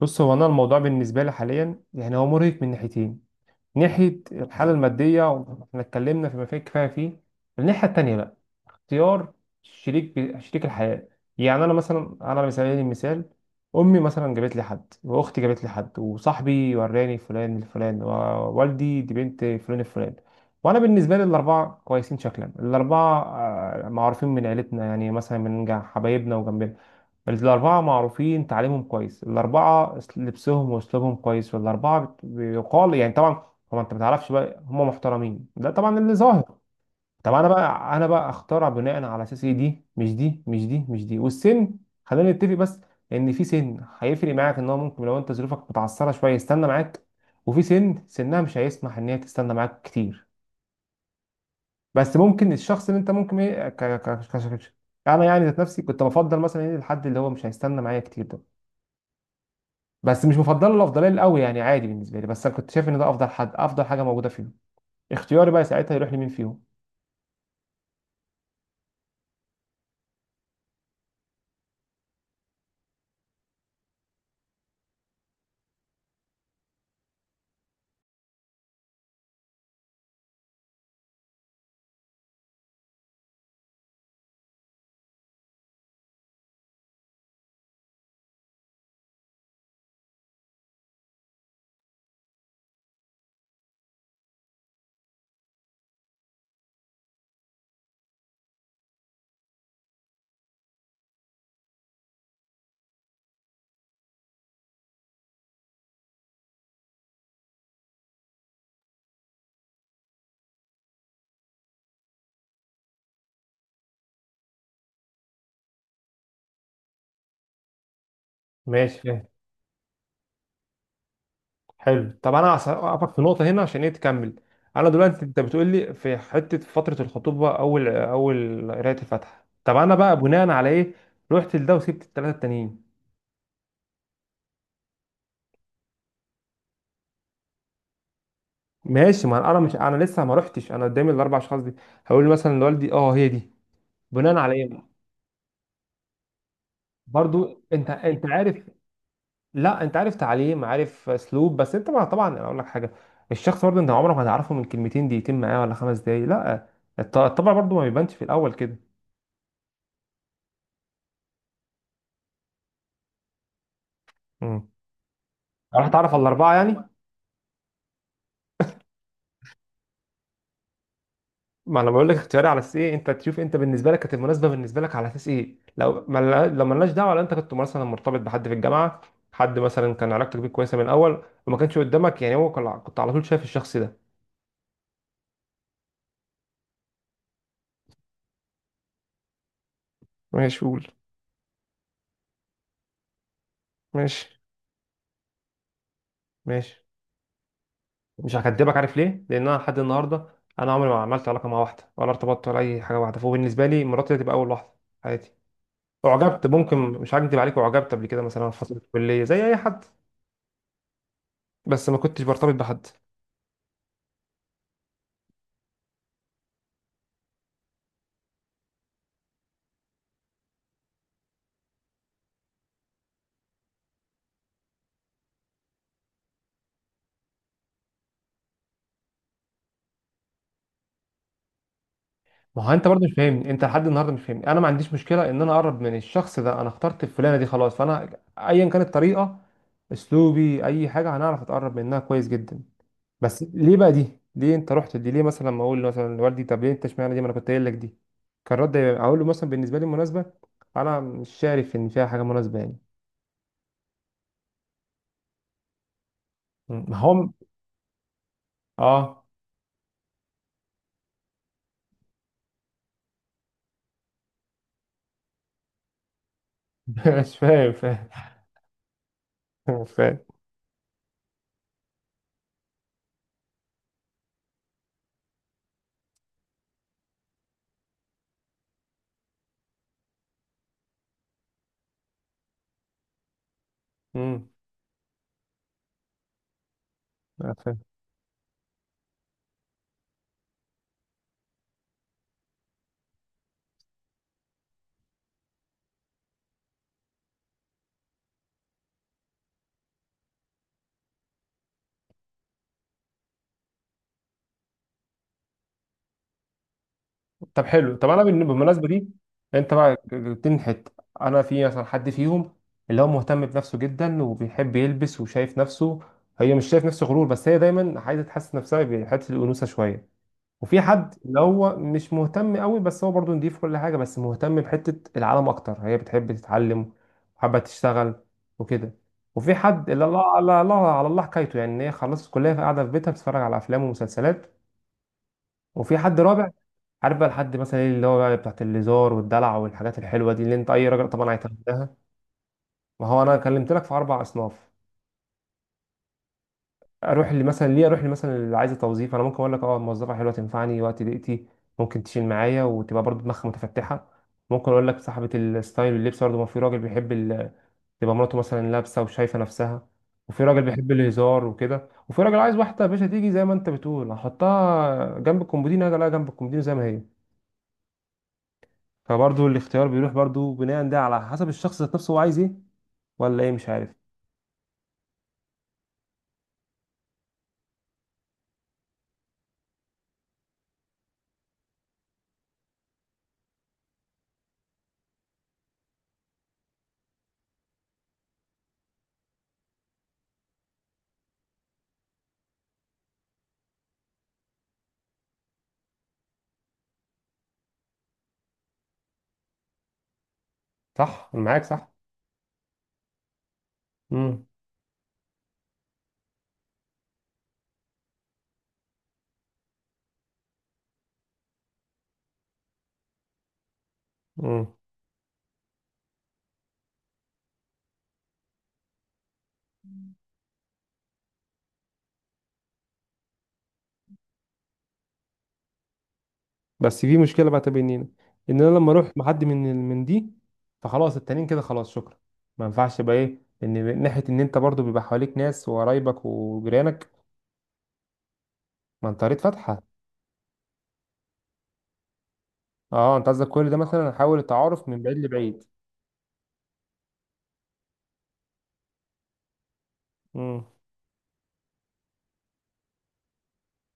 بص، هو انا الموضوع بالنسبه لي حاليا يعني هو مرهق من ناحيتين. ناحيه الحاله الماديه، واحنا اتكلمنا فيما فيه الكفايه فيه. الناحيه التانيه بقى اختيار شريك الحياة. يعني أنا مثلا، أنا على سبيل المثال، أمي مثلا جابت لي حد، وأختي جابت لي حد، وصاحبي وراني فلان الفلان، ووالدي دي بنت فلان الفلان. وأنا بالنسبة لي الأربعة كويسين شكلا. الأربعة آه، معروفين من عيلتنا، يعني مثلا من حبايبنا وجنبنا. الأربعة معروفين تعليمهم كويس، الأربعة لبسهم وأسلوبهم كويس، والأربعة بيقال يعني طبعا. هو أنت ما تعرفش بقى هم محترمين، ده طبعا اللي ظاهر. طب انا بقى اخترع بناء على اساس ايه؟ دي مش دي مش دي مش دي. والسن، خلينا نتفق بس، ان في سن هيفرق معاك ان هو ممكن لو انت ظروفك متعثره شويه يستنى معاك. وفي سن سنها مش هيسمح ان هي تستنى معاك كتير. بس ممكن الشخص اللي انت ممكن ايه انا يعني ذات نفسي كنت بفضل مثلا ايه الحد اللي هو مش هيستنى معايا كتير ده. بس مش بفضله الافضليه الاول، يعني عادي بالنسبه لي، بس انا كنت شايف ان ده افضل حد، افضل حاجه موجوده فيهم. اختياري بقى ساعتها يروح لمين فيهم؟ ماشي. حلو، طب انا هقفك في نقطه هنا عشان ايه، تكمل. انا دلوقتي انت بتقول لي في حته فتره الخطوبه، اول اول قرايه الفاتحه. طب انا بقى بناء على ايه رحت لده وسبت الثلاثه التانيين؟ ماشي، ما انا مش انا لسه ما رحتش، انا قدامي الاربع اشخاص دي. هقول له مثلا لوالدي، اه هي دي، بناء على ايه؟ برضو انت عارف. لا انت عارف تعليم، عارف اسلوب، بس انت ما طبعا انا اقول لك حاجه، الشخص برضه انت عمرك ما هتعرفه من كلمتين دقيقتين معاه ولا 5 دقايق، لا. الطبع برضه ما بيبانش في الاول كده. راح تعرف على الاربعه يعني. ما انا بقول لك اختياري على اساس ايه؟ انت تشوف انت بالنسبه لك كانت المناسبه بالنسبه لك على اساس ايه؟ لو ما لو ملناش دعوه، لو انت كنت مثلا مرتبط بحد في الجامعه، حد مثلا كان علاقتك بيه كويسه من الاول، وما كانش قدامك يعني هو كنت على طول شايف الشخص ده. ماشي قول. ماشي. ماشي، مش هكدبك. عارف ليه؟ لان انا لحد النهارده انا عمري ما عملت علاقه مع واحده، ولا ارتبطت، ولا اي حاجه. واحده، فبالنسبه لي مراتي هتبقى اول واحده في حياتي. اعجبت، ممكن، مش هكدب عليك، اعجبت قبل كده مثلا في فتره الكليه زي اي حد. بس ما كنتش برتبط بحد. ما هو انت برضه مش فاهمني، انت لحد النهارده مش فاهمني. انا ما عنديش مشكله ان انا اقرب من الشخص ده، انا اخترت الفلانه دي خلاص، فانا ايا كانت الطريقه، اسلوبي، اي حاجه، هنعرف اتقرب منها كويس جدا. بس ليه بقى دي؟ ليه انت رحت دي؟ ليه مثلا ما اقول مثلا لوالدي طب ليه انت اشمعنى دي؟ ما انا كنت قايل لك دي كان رد اقول له مثلا بالنسبه لي مناسبه. انا مش شايف ان فيها حاجه مناسبه يعني. ما هم، اه. مش فاهم فاهم. مش فاهم. امم. طب حلو، طب انا بالمناسبه دي انت بقى جبتني حته. انا في مثلا حد فيهم اللي هو مهتم بنفسه جدا وبيحب يلبس وشايف نفسه. هي مش شايف نفسه غرور، بس هي دايما عايزه تحسن نفسها بحته الانوثه شويه. وفي حد اللي هو مش مهتم قوي، بس هو برضه نضيف كل حاجه، بس مهتم بحته العالم اكتر، هي بتحب تتعلم وحابه تشتغل وكده. وفي حد اللي الله على الله على الله حكايته، يعني إن هي خلصت الكليه فقاعده في بيتها بتتفرج على افلام ومسلسلات. وفي حد رابع، عارف بقى لحد مثلا ايه اللي هو بقى بتاعت الليزار والدلع والحاجات الحلوه دي، اللي انت اي راجل طبعا هيتمناها. ما هو انا كلمت لك في اربع اصناف. اروح اللي مثلا ليه؟ اروح اللي مثلا اللي عايزه توظيف؟ انا ممكن اقول لك اه موظفه حلوه تنفعني وقت ضيقتي، ممكن تشيل معايا وتبقى برضو دماغها متفتحه. ممكن اقول لك صاحبه الستايل واللبس، برضو ما في راجل بيحب تبقى مراته مثلا لابسه وشايفه نفسها. وفي راجل بيحب الهزار وكده، وفي راجل عايز واحده يا باشا تيجي زي ما انت بتقول، هحطها جنب الكومودينو، هاجي الاقيها جنب الكومودينو زي ما هي. فبرضه الاختيار بيروح برضه بناء ده على حسب الشخص ذات نفسه، هو عايز ايه ولا ايه، مش عارف. صح، انا معاك، صح. امم. امم. بس في مشكله بقى تبينينا، ان انا لما اروح مع حد من دي، فخلاص التانيين كده خلاص شكرا. ما ينفعش بقى ايه ان من ناحيه ان انت برضه بيبقى حواليك ناس وقرايبك وجيرانك. ما انت قريت فاتحه. اه، انت قصدك كل ده مثلا احاول التعارف من بعيد لبعيد. امم.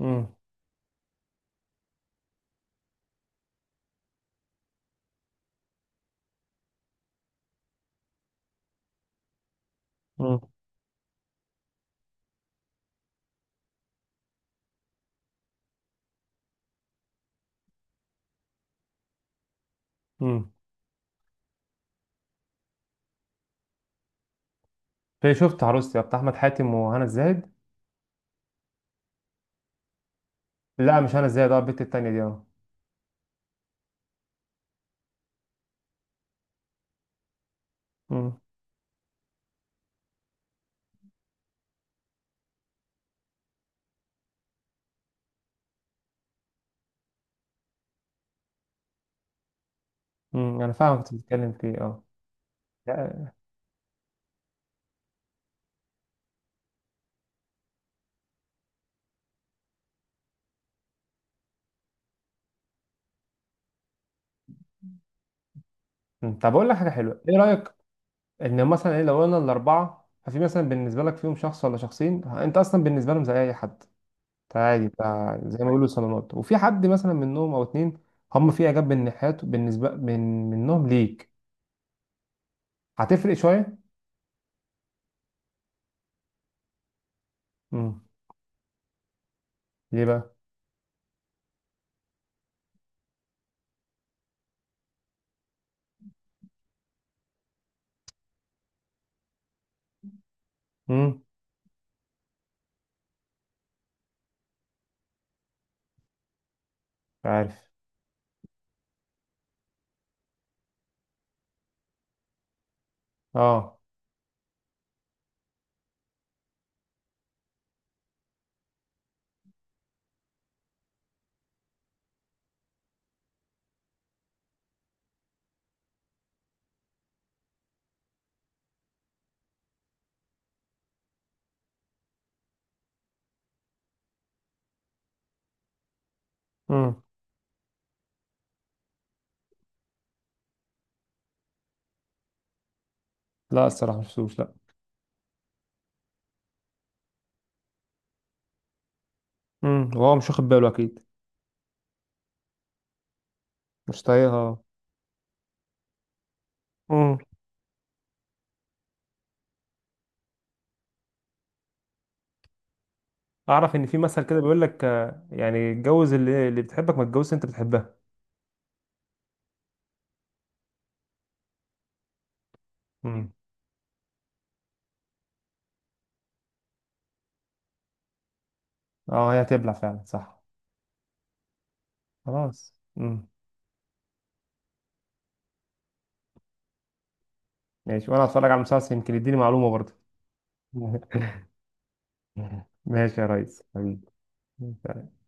امم. امم. امم. في شفت عروستي بتاع احمد حاتم وهنا الزاهد. لا مش هنا الزاهد، اه البت التانيه دي. اه. امم. انا فاهم كنت بتتكلم في ايه، اه. لا، أمم، طب اقول لك حاجه حلوه، ايه رايك؟ ان مثلا ايه لو قلنا الاربعه، ففي مثلا بالنسبه لك فيهم شخص ولا شخصين انت اصلا بالنسبه لهم زي اي حد، انت عادي انت، زي ما بيقولوا صالونات. وفي حد مثلا منهم او اتنين هم في اعجاب بالناحيات بالنسبه من منهم ليك، هتفرق شويه. امم. ليه بقى؟ امم. مش عارف. اه. امم. لا الصراحه مش شفتوش، لا. امم. وهو مش واخد باله اكيد. مش طايقها. اعرف ان في مثل كده بيقول لك آه، يعني اتجوز اللي بتحبك، ما تتجوزش انت بتحبها. امم. اه، هي هتبلع فعلا، صح. خلاص. امم. ماشي، وانا هتفرج على المسلسل يمكن يديني معلومة برضه. ماشي يا ريس. حبيبي.